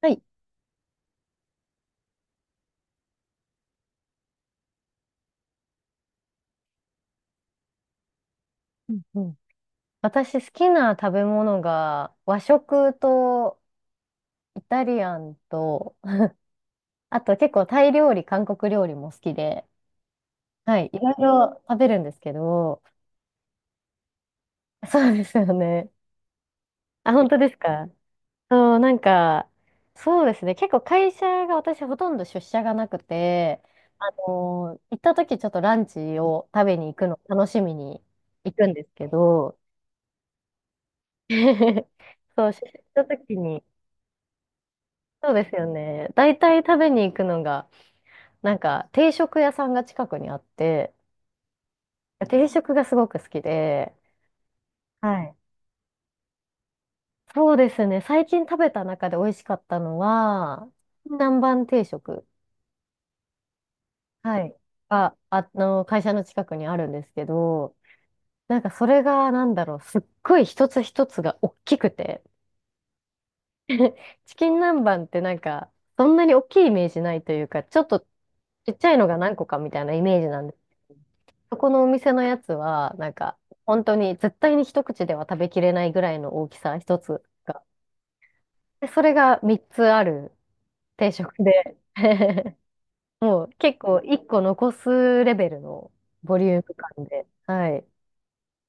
はい。うんうん。私好きな食べ物が和食とイタリアンと、あと結構タイ料理、韓国料理も好きで、はい、いろいろ食べるんですけど、そうですよね。あ、本当ですか？そう、なんか、そうですね。結構会社が私ほとんど出社がなくて、行った時ちょっとランチを食べに行くの楽しみに行くんですけど、そう、出社した時に、そうですよね。だいたい食べに行くのが、なんか定食屋さんが近くにあって、定食がすごく好きで、はい。そうですね。最近食べた中で美味しかったのは、南蛮定食、はい、が、会社の近くにあるんですけど、なんかそれが、なんだろう、すっごい一つ一つが大きくて、チキン南蛮ってなんか、そんなに大きいイメージないというか、ちょっとちっちゃいのが何個かみたいなイメージなんですけど。そこのお店のやつは、なんか、本当に絶対に一口では食べきれないぐらいの大きさ、一つが。で、それが3つある定食で、もう結構1個残すレベルのボリューム感で、はい。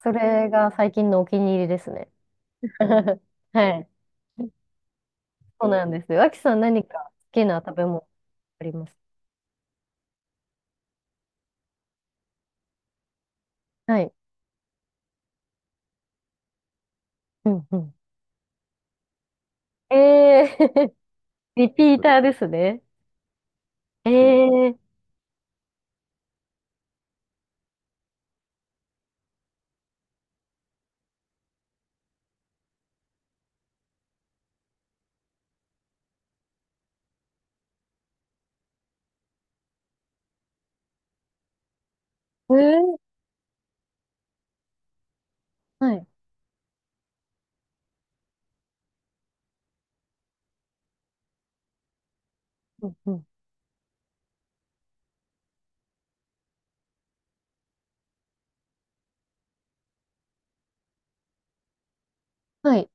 それが最近のお気に入りですね。はい。そうなんです。脇さん何か好きな食べ物あります？はい。うんうん。えー リピーターですね。えええー、はい。うんうん。はい。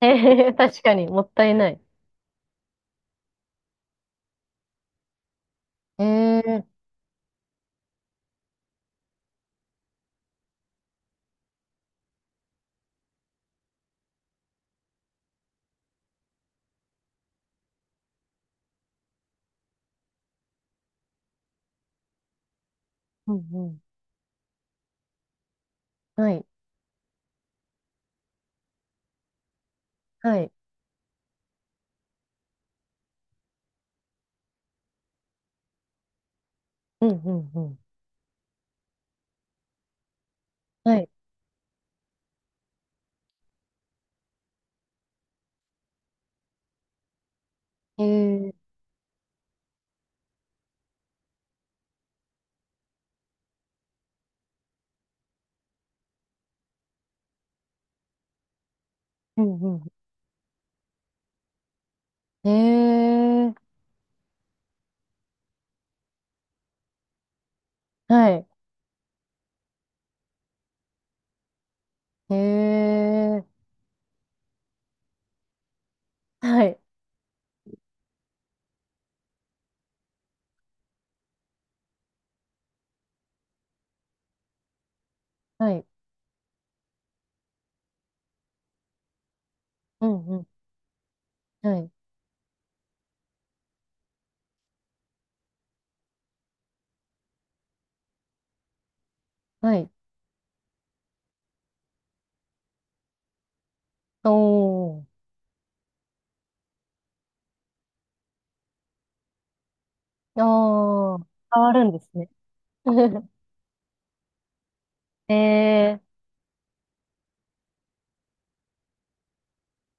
ええ 確かに、もったいない。ええ。うんうん。はい。はい。うんうんうん。はい。ええ。うんうん。ええ。はい。ええ。はい。はい。うんうん。はい。はい。おー。あー。変わるんですね。え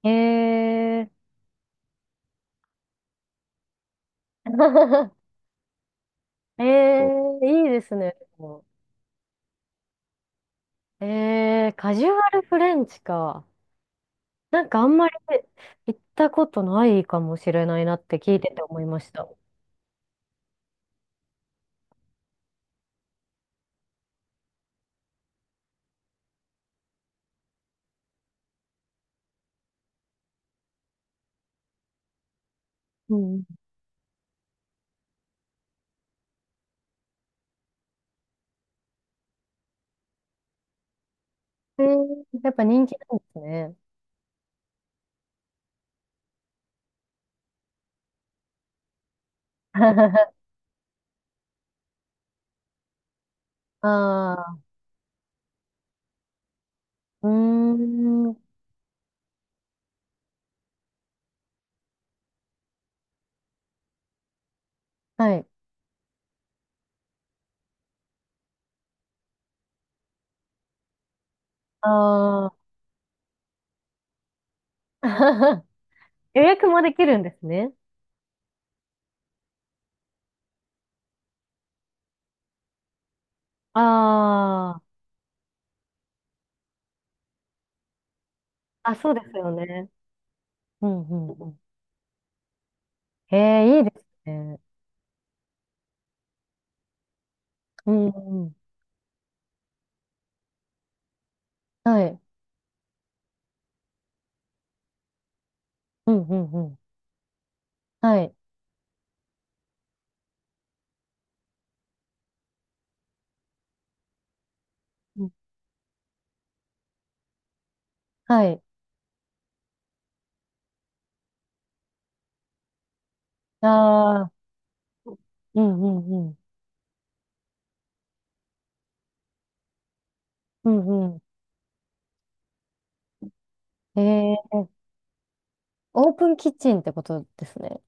えええ ええ、いいですね。でも、ええ、カジュアルフレンチか。なんかあんまり行ったことないかもしれないなって聞いてて思いました。うん。えー、やっぱ人気なんですね。ああ、うーん、はい。ああ、予約もできるんですね。ああ、あ、そうですよね。うんうんうん。へえ、いいですね。うんうん。はい。うんうんうん。はい。うん。はい。ああ、うんうんうん。うんうん。えー、オープンキッチンってことですね。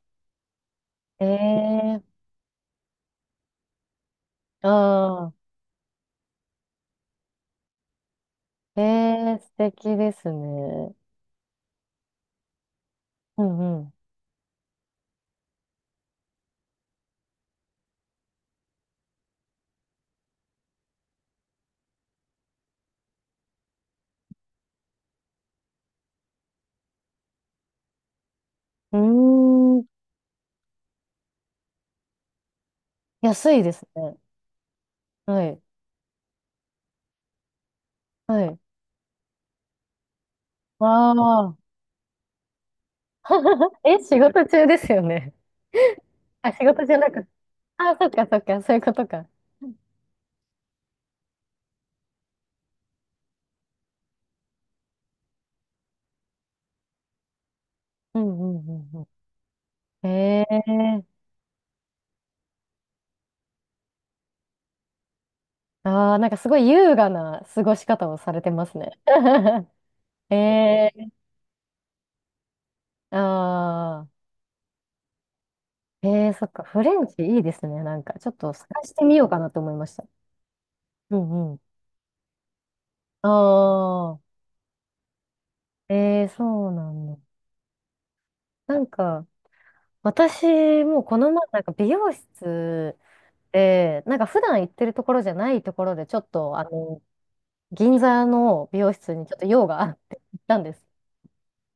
ええ。ああ、ええ、素敵ですね。うんうん。うーん、安いですね。はい、はい。ああ、え、仕事中ですよね。あ、仕事じゃなくて。あ、そっかそっか、そういうことか。うんうんうんうん。ええ。ああ、なんかすごい優雅な過ごし方をされてますね。ええ。ああー、ええ、そっか、フレンチいいですね。なんか、ちょっと探してみようかなと思いました。うん。ああ、ええ、そうなんだ。なんか、私もこの前、なんか美容室で、なんか普段行ってるところじゃないところで、ちょっと、銀座の美容室にちょっと用があって行ったんです。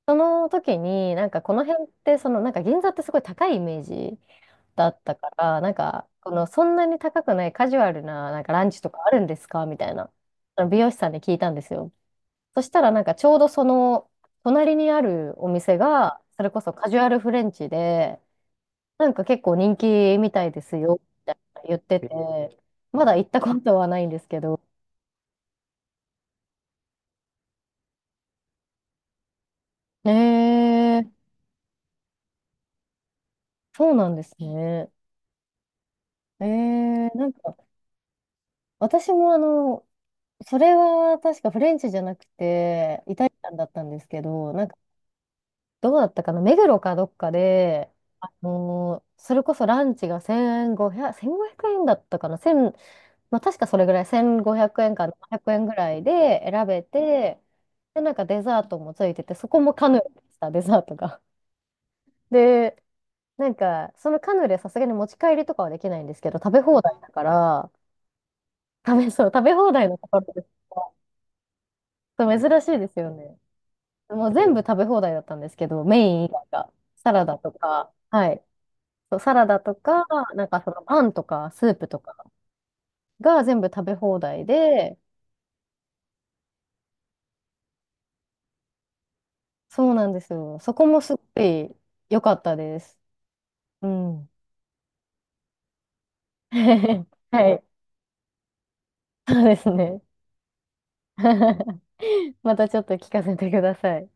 その時に、なんかこの辺って、その、なんか銀座ってすごい高いイメージだったから、なんか、この、そんなに高くないカジュアルな、なんかランチとかあるんですかみたいな、あの美容師さんに聞いたんですよ。そしたらなんかちょうどその隣にあるお店が、それこそカジュアルフレンチで、なんか結構人気みたいですよって言ってて、まだ行ったことはないんですけど。えー、そうなんですね。えー、なんか私もそれは確かフレンチじゃなくてイタリアンだったんですけど、なんかどうだったかな、目黒かどっかで、それこそランチが1500円だったかな、1まあ、確かそれぐらい、1500円か700円ぐらいで選べて、で、なんかデザートもついてて、そこもカヌレでした、デザートが。で、なんか、そのカヌレさすがに持ち帰りとかはできないんですけど、食べ放題だから、そう、食べ放題のところです。そう珍しいですよね。もう全部食べ放題だったんですけど、メイン以外が、サラダとか、はい。そうサラダとか、なんかそのパンとか、スープとかが全部食べ放題で、そうなんですよ。そこもすごい良かったです。うん。はい。そうですね。またちょっと聞かせてください。